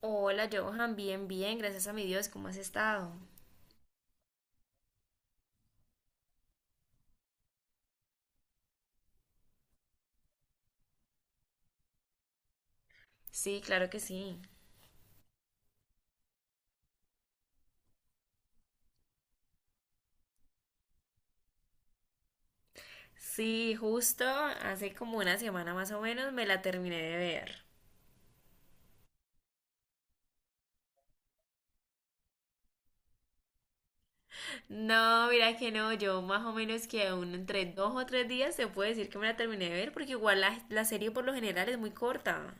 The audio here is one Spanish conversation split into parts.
Hola, Johan, bien, bien, gracias a mi Dios, ¿cómo has estado? Sí, claro que sí. Sí, justo hace como una semana más o menos me la terminé de ver. No, mira que no, yo más o menos que aún entre dos o tres días se puede decir que me la terminé de ver porque igual la serie por lo general es muy corta.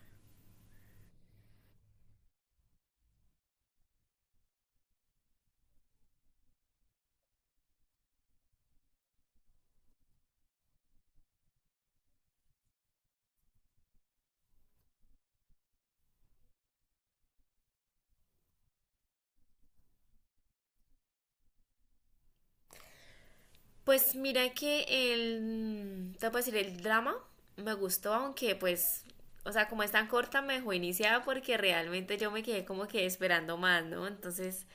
Pues mira que el, te puedo decir, el drama me gustó, aunque pues, o sea, como es tan corta, me dejó iniciada porque realmente yo me quedé como que esperando más, ¿no? Entonces,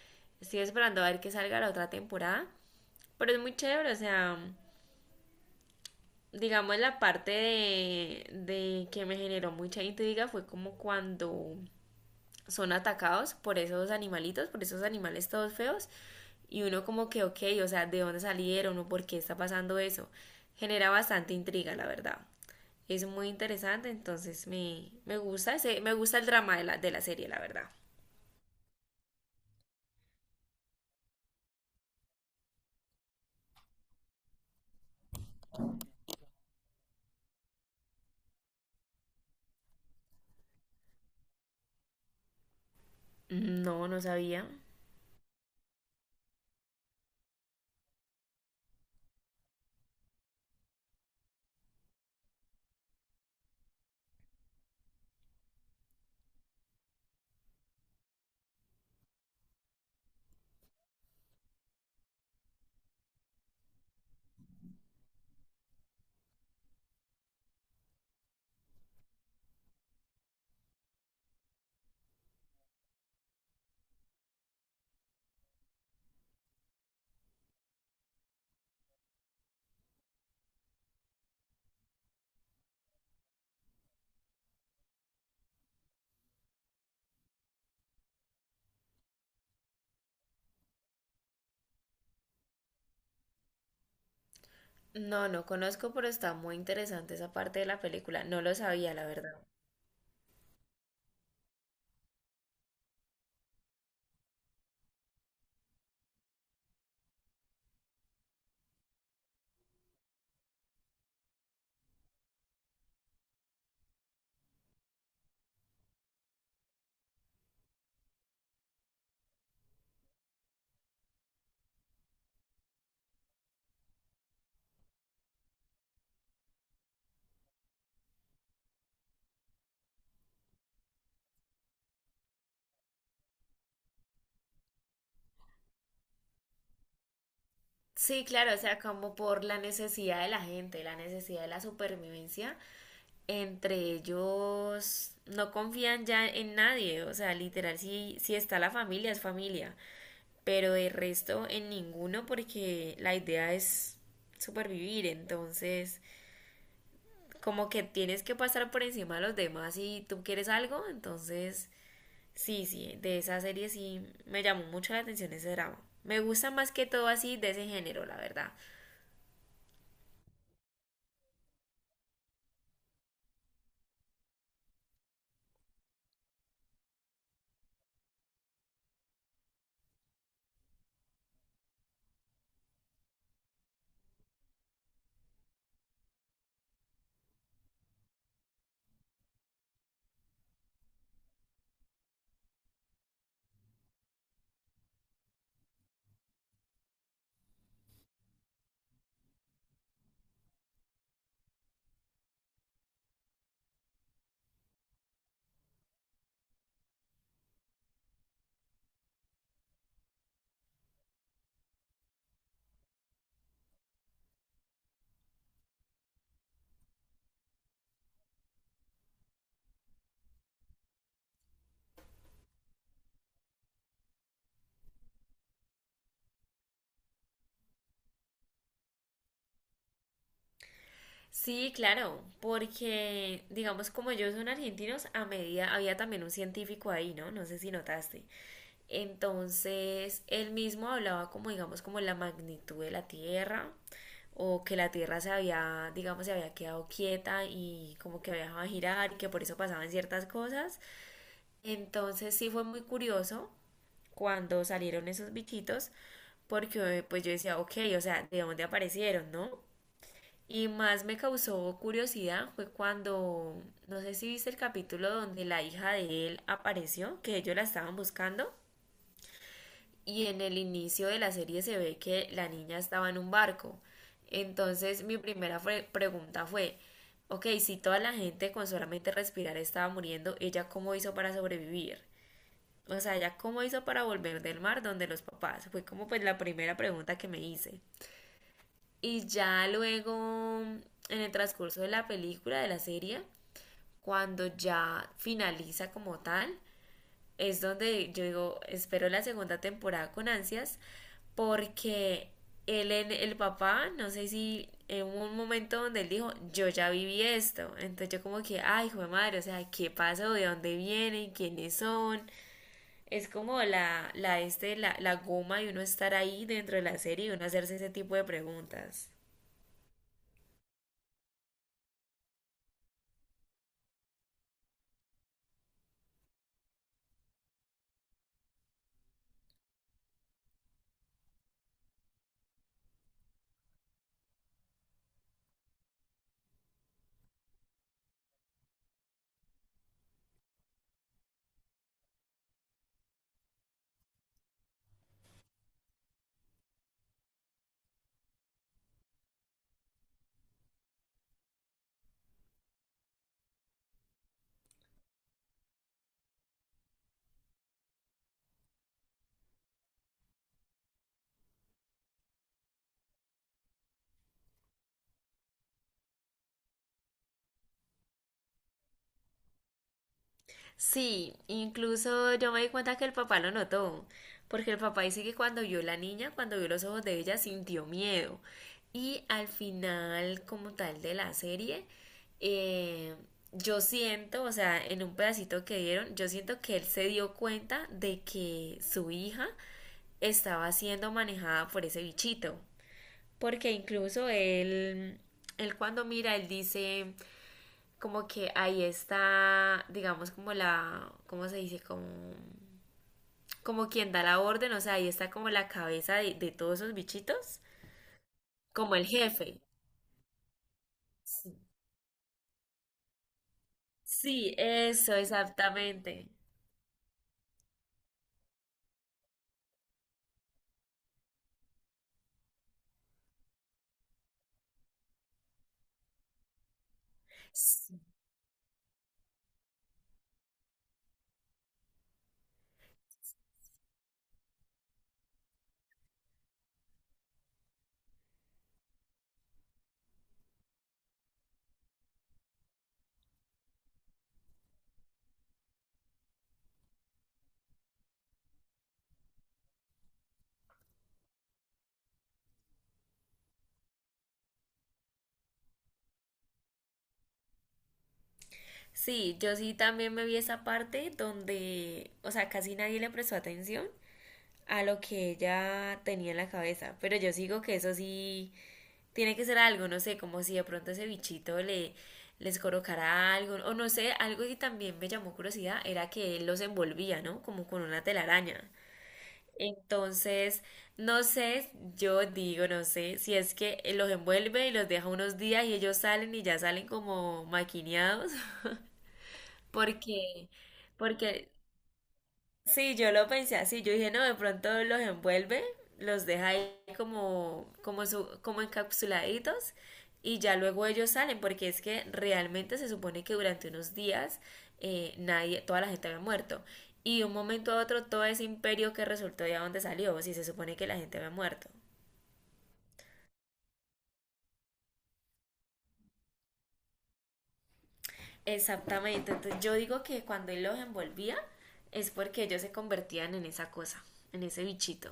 estoy esperando a ver que salga la otra temporada. Pero es muy chévere, o sea, digamos la parte de que me generó mucha intriga fue como cuando son atacados por esos animalitos, por esos animales todos feos, y uno como que, ok, o sea, ¿de dónde salieron o por qué está pasando eso? Genera bastante intriga, la verdad. Es muy interesante, entonces me gusta me gusta el drama de la serie, la verdad. No, no sabía. No, no conozco, pero está muy interesante esa parte de la película. No lo sabía, la verdad. Sí, claro, o sea, como por la necesidad de la gente, la necesidad de la supervivencia, entre ellos no confían ya en nadie, o sea, literal, si está la familia, es familia, pero de resto en ninguno porque la idea es supervivir, entonces como que tienes que pasar por encima de los demás si tú quieres algo, entonces sí, sí, de esa serie sí me llamó mucho la atención ese drama. Me gusta más que todo así de ese género, la verdad. Sí, claro, porque digamos como ellos son argentinos, a medida había también un científico ahí, ¿no? No sé si notaste. Entonces, él mismo hablaba como, digamos, como la magnitud de la Tierra, o que la Tierra se había, digamos, se había quedado quieta y como que había dejado de girar y que por eso pasaban ciertas cosas. Entonces, sí fue muy curioso cuando salieron esos bichitos, porque pues yo decía, ok, o sea, ¿de dónde aparecieron, no? Y más me causó curiosidad fue cuando, no sé si viste el capítulo donde la hija de él apareció, que ellos la estaban buscando, y en el inicio de la serie se ve que la niña estaba en un barco. Entonces mi pregunta fue, ok, si toda la gente con solamente respirar estaba muriendo, ¿ella cómo hizo para sobrevivir? O sea, ¿ella cómo hizo para volver del mar donde los papás? Fue como pues la primera pregunta que me hice. Y ya luego, en el transcurso de la película, de la serie, cuando ya finaliza como tal, es donde yo digo, espero la segunda temporada con ansias, porque el papá, no sé si en un momento donde él dijo, yo ya viví esto, entonces yo como que, ay, hijo de madre, o sea, ¿qué pasó? ¿De dónde vienen? ¿Quiénes son? Es como la goma de uno estar ahí dentro de la serie y uno hacerse ese tipo de preguntas. Sí, incluso yo me di cuenta que el papá lo notó, porque el papá dice que cuando vio la niña, cuando vio los ojos de ella, sintió miedo. Y al final, como tal de la serie, eh, yo siento, o sea, en un pedacito que dieron, yo siento que él se dio cuenta de que su hija estaba siendo manejada por ese bichito. Porque incluso él, él cuando mira, él dice, como que ahí está, digamos, como la, ¿cómo se dice? Como, como quien da la orden, o sea, ahí está como la cabeza de todos esos bichitos, como el jefe. Sí, sí, eso, exactamente. Sí, sí, yo sí también me vi esa parte donde, o sea, casi nadie le prestó atención a lo que ella tenía en la cabeza, pero yo sigo que eso sí, tiene que ser algo, no sé, como si de pronto ese bichito le, les colocara algo, o no sé, algo que también me llamó curiosidad era que él los envolvía, ¿no? Como con una telaraña. Entonces, no sé, yo digo, no sé, si es que él los envuelve y los deja unos días y ellos salen y ya salen como maquineados, porque, porque sí, yo lo pensé así, yo dije, no, de pronto los envuelve, los deja ahí como, como, como encapsuladitos y ya luego ellos salen, porque es que realmente se supone que durante unos días nadie, toda la gente había muerto. Y de un momento a otro todo ese imperio que resultó de donde salió, si se supone que la gente había muerto. Exactamente, entonces yo digo que cuando él los envolvía es porque ellos se convertían en esa cosa, en ese bichito.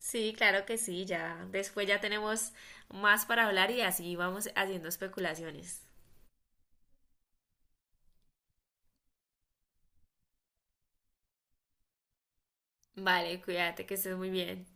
Sí, claro que sí, ya. Después ya tenemos más para hablar y así vamos haciendo especulaciones. Vale, cuídate, que estés muy bien.